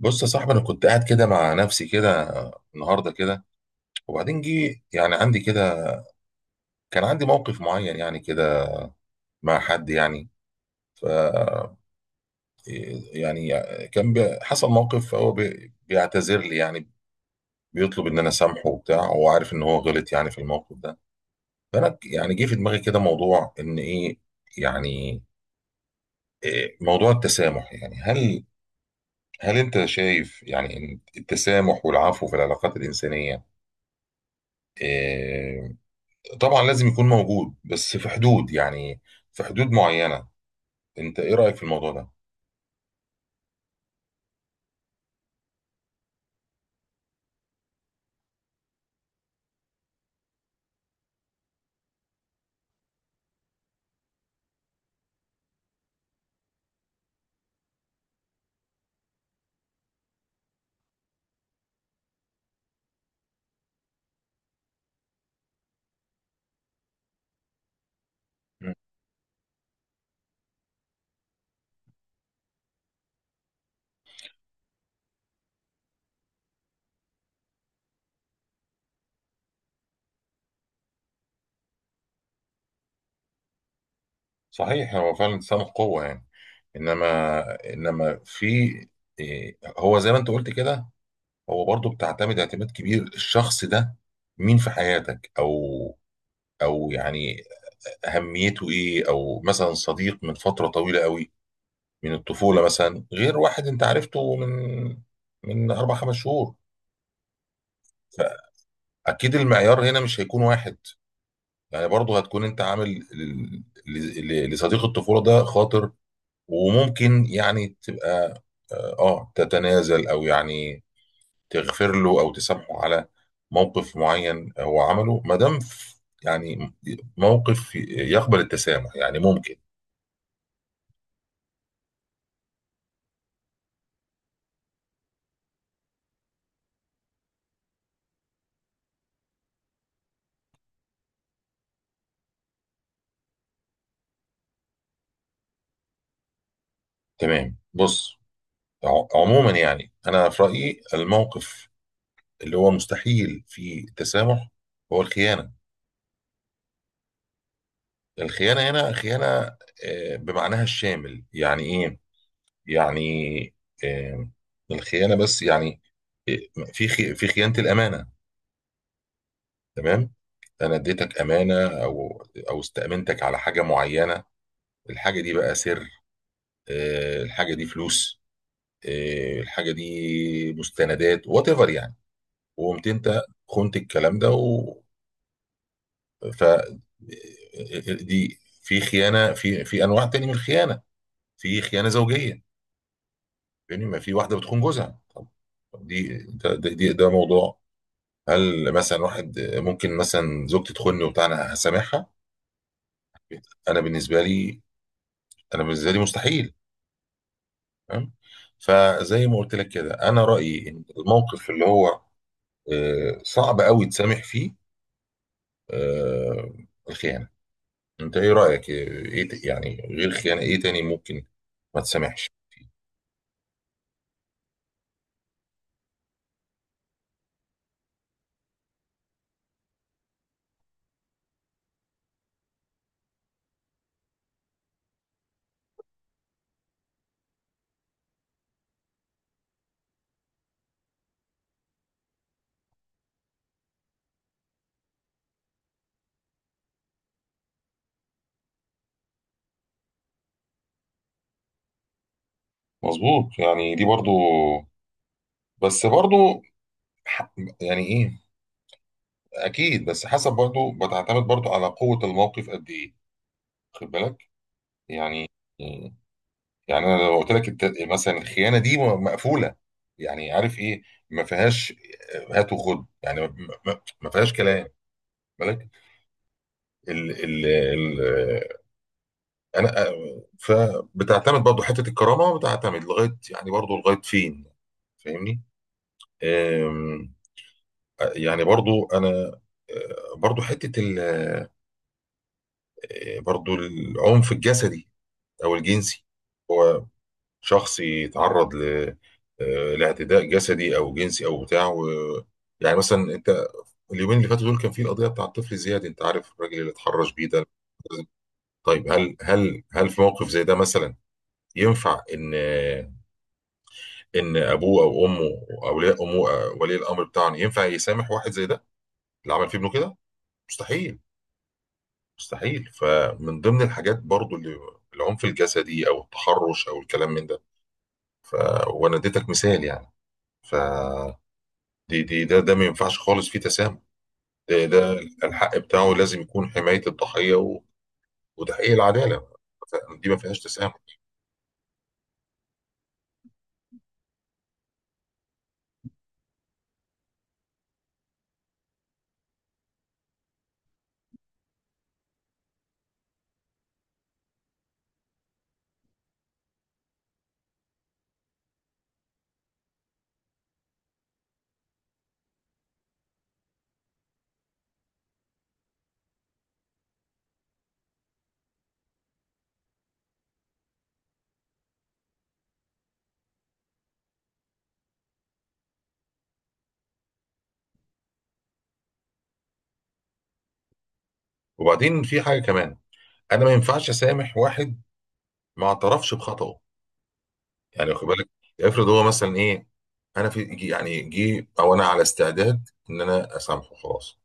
بص يا صاحبي، انا كنت قاعد كده مع نفسي كده النهارده كده. وبعدين جه يعني عندي كده، كان عندي موقف معين يعني كده مع حد يعني. ف يعني كان حصل موقف، فهو بيعتذر لي يعني، بيطلب ان انا اسامحه وبتاع، هو عارف ان هو غلط يعني في الموقف ده. فانا يعني جه في دماغي كده موضوع ان ايه يعني، إيه موضوع التسامح يعني؟ هل انت شايف يعني إن التسامح والعفو في العلاقات الانسانيه، آه، طبعا لازم يكون موجود، بس في حدود يعني، في حدود معينة. انت ايه رأيك في الموضوع ده؟ مم. صحيح هو فعلا التسامح قوة يعني، انما انما في إيه، هو زي ما انت قلت كده هو برضو بتعتمد اعتماد كبير الشخص ده مين في حياتك او او يعني اهميته ايه، او مثلا صديق من فترة طويلة قوي، من الطفولة مثلا، غير واحد انت عرفته من اربع خمس شهور. فاكيد المعيار هنا مش هيكون واحد. يعني برضه هتكون انت عامل لصديق الطفولة ده خاطر، وممكن يعني تبقى اه تتنازل او يعني تغفر له او تسامحه على موقف معين هو عمله، ما دام يعني موقف يقبل التسامح يعني ممكن. تمام، بص، عموما يعني انا في رأيي الموقف اللي هو مستحيل فيه تسامح هو الخيانة. الخيانة هنا خيانة بمعناها الشامل، يعني ايه، يعني آه، الخيانه بس يعني، آه، في خيانه الامانه. تمام، انا اديتك امانه او او استامنتك على حاجه معينه. الحاجه دي بقى سر، الحاجه دي فلوس، الحاجه دي مستندات وات ايفر يعني. وقمت انت خنت الكلام ده ف دي في خيانه، في انواع تاني من الخيانه. في خيانه زوجيه يعني، ما في واحده بتخون جوزها. طب دي ده موضوع. هل مثلا واحد ممكن مثلا زوجتي تخوني وبتاع، انا هسامحها؟ انا بالنسبه لي انا بالنسبه لي مستحيل. تمام. فزي ما قلت لك كده انا رايي ان الموقف اللي هو صعب قوي تسامح فيه، آه، الخيانه. انت ايه رايك، ايه يعني غير خيانه ايه تاني ممكن ما تسامحش؟ مظبوط، يعني دي برضو، بس برضو ح- يعني ايه، اكيد بس حسب، برضو بتعتمد برضو على قوه الموقف قد ايه، خد بالك يعني. آه، يعني انا لو قلت لك مثلا الخيانه دي مقفوله، يعني عارف ايه، ما فيهاش هات وخد، يعني ما فيهاش كلام، بالك. ال ال ال انا فبتعتمد برضه حته الكرامه، بتعتمد لغايه يعني، برضه لغايه فين، فاهمني؟ أم، يعني برضه انا برضه حته برضه العنف الجسدي او الجنسي. شخص يتعرض لاعتداء جسدي او جنسي او بتاع يعني مثلا انت اليومين اللي فاتوا دول كان في القضيه بتاع الطفل زياد. انت عارف الراجل اللي اتحرش بيه ده؟ طيب هل في موقف زي ده مثلا ينفع ان ابوه او امه او اولياء امه أو ولي الامر بتاعهم ينفع يسامح واحد زي ده اللي عمل في ابنه كده؟ مستحيل. مستحيل. فمن ضمن الحاجات برضو اللي العنف الجسدي او التحرش او الكلام من ده ف... وانا اديتك مثال يعني. ف دي دي ده ده ما ينفعش خالص فيه تسامح. ده الحق بتاعه لازم يكون حماية الضحية وتحقيق العدالة. دي ما فيهاش تسامح. وبعدين في حاجة كمان، أنا ما ينفعش أسامح واحد ما اعترفش بخطأه، يعني واخد بالك؟ افرض هو مثلا إيه، أنا في يعني جه، أو أنا على استعداد إن أنا أسامحه خلاص.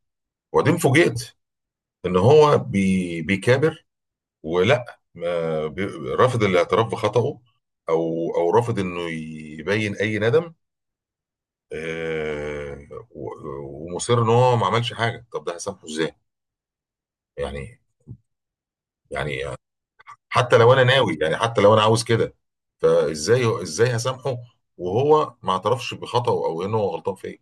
وبعدين فوجئت إن هو بيكابر ولا ما بي- رافض الاعتراف بخطأه، أو أو رافض إنه يبين أي ندم، ومصر ان هو ما عملش حاجه. طب ده هسامحه ازاي؟ يعني. يعني حتى لو انا ناوي، يعني حتى لو انا عاوز كده، فازاي ازاي هسامحه وهو ما اعترفش بخطأه او انه هو غلطان في ايه؟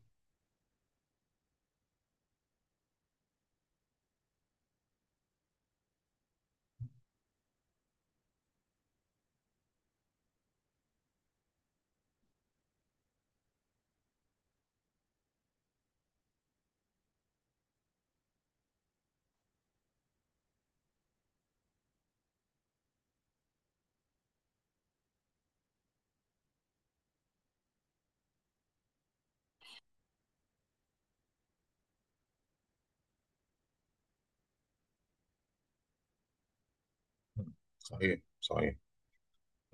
صحيح صحيح.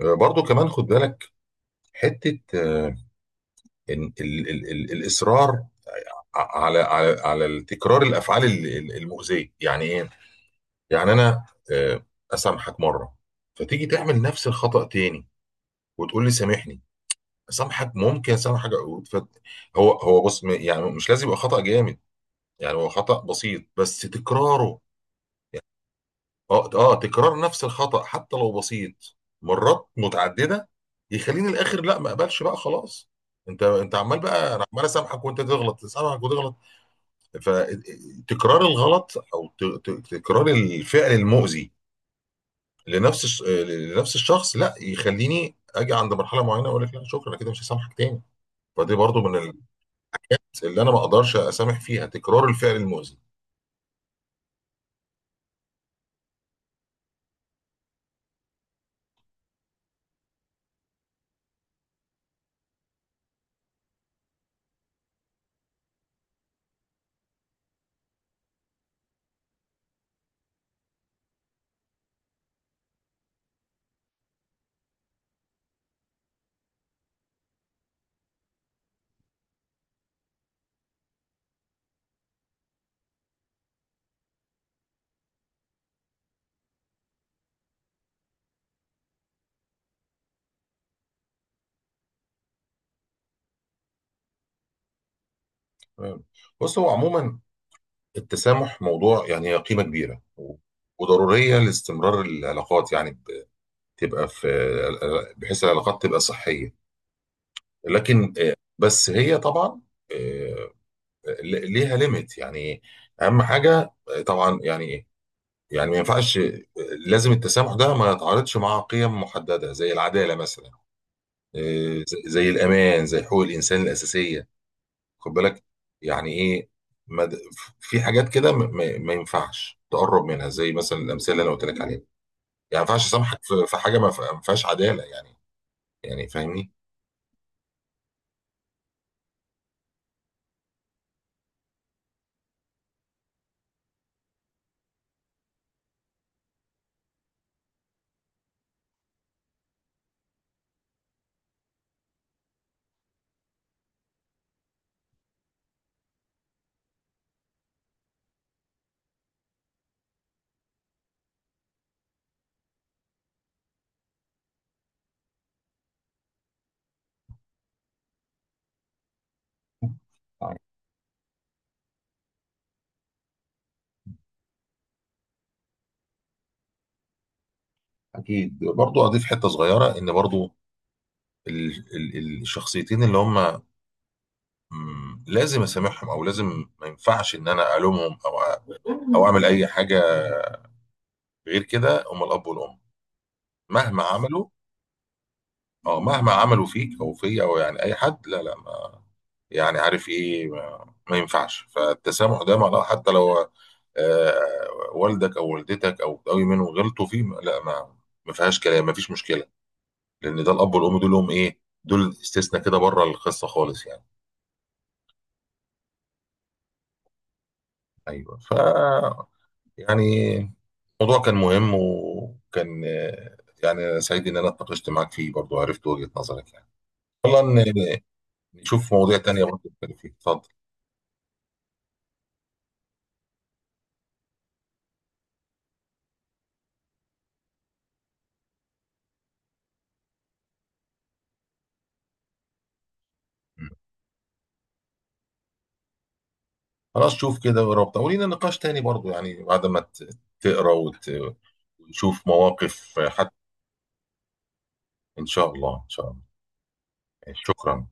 برضو كمان خد بالك حته إن ال الاصرار على تكرار الافعال المؤذيه يعني ايه. يعني انا آه، اسامحك مره، فتيجي تعمل نفس الخطأ تاني وتقول لي سامحني. سامحك، ممكن سامحك عقود هو بص، يعني مش لازم يبقى خطأ جامد، يعني هو خطأ بسيط بس تكراره. اه تكرار نفس الخطأ حتى لو بسيط مرات متعددة يخليني الاخر لا ما اقبلش بقى خلاص. انت عمال بقى، انا عمال اسامحك وانت تغلط، اسامحك وتغلط. فتكرار الغلط او ت... تكرار الفعل المؤذي لنفس الشخص لا، يخليني اجي عند مرحلة معينة اقول لك لا شكرا انا كده مش هسامحك تاني. فدي برضو من اللي انا ما اقدرش اسامح فيها، تكرار الفعل المؤذي. تمام. بص، هو عموما التسامح موضوع يعني قيمه كبيره وضروريه لاستمرار العلاقات، يعني تبقى في، بحيث العلاقات تبقى صحيه. لكن بس هي طبعا آه، ليها ليميت يعني. اهم حاجه طبعا يعني ايه، يعني ما ينفعش لازم التسامح ده ما يتعارضش مع قيم محدده زي العداله مثلا، زي الامان زي حقوق الانسان الاساسيه، خد بالك يعني ايه. مد... في حاجات كده ما ينفعش تقرب منها، زي مثلا الامثله اللي انا قلت لك عليها يعني. ما ينفعش اسامحك في حاجه ما ما فيهاش عداله، يعني، يعني فاهمني؟ طيب. اكيد برضو اضيف حته صغيره، ان برضو ال... الشخصيتين اللي هم، لازم اسامحهم، او لازم ما ينفعش ان انا الومهم او او اعمل اي حاجه غير كده، هم الاب والام مهما عملوا. اه، مهما عملوا فيك او فيا او يعني اي حد، لا لا ما، يعني عارف ايه، ما ينفعش. فالتسامح ده معناه حتى لو آه والدك او والدتك او قوي منهم غلطوا فيه، لا، ما ما فيهاش كلام، ما فيش مشكله. لان ده الاب والام دول هم ايه، دول استثناء كده بره القصه خالص يعني. ايوه، ف يعني الموضوع كان مهم وكان يعني أنا سعيد ان انا اتناقشت معاك فيه، برضو عرفت وجهة نظرك يعني. والله نشوف مواضيع تانية برضو نتكلم فيها. اتفضل. خلاص، شوف كده وربط ولينا نقاش تاني برضو، يعني بعد ما تقرا وتشوف مواقف حتى. ان شاء الله ان شاء الله، شكرا.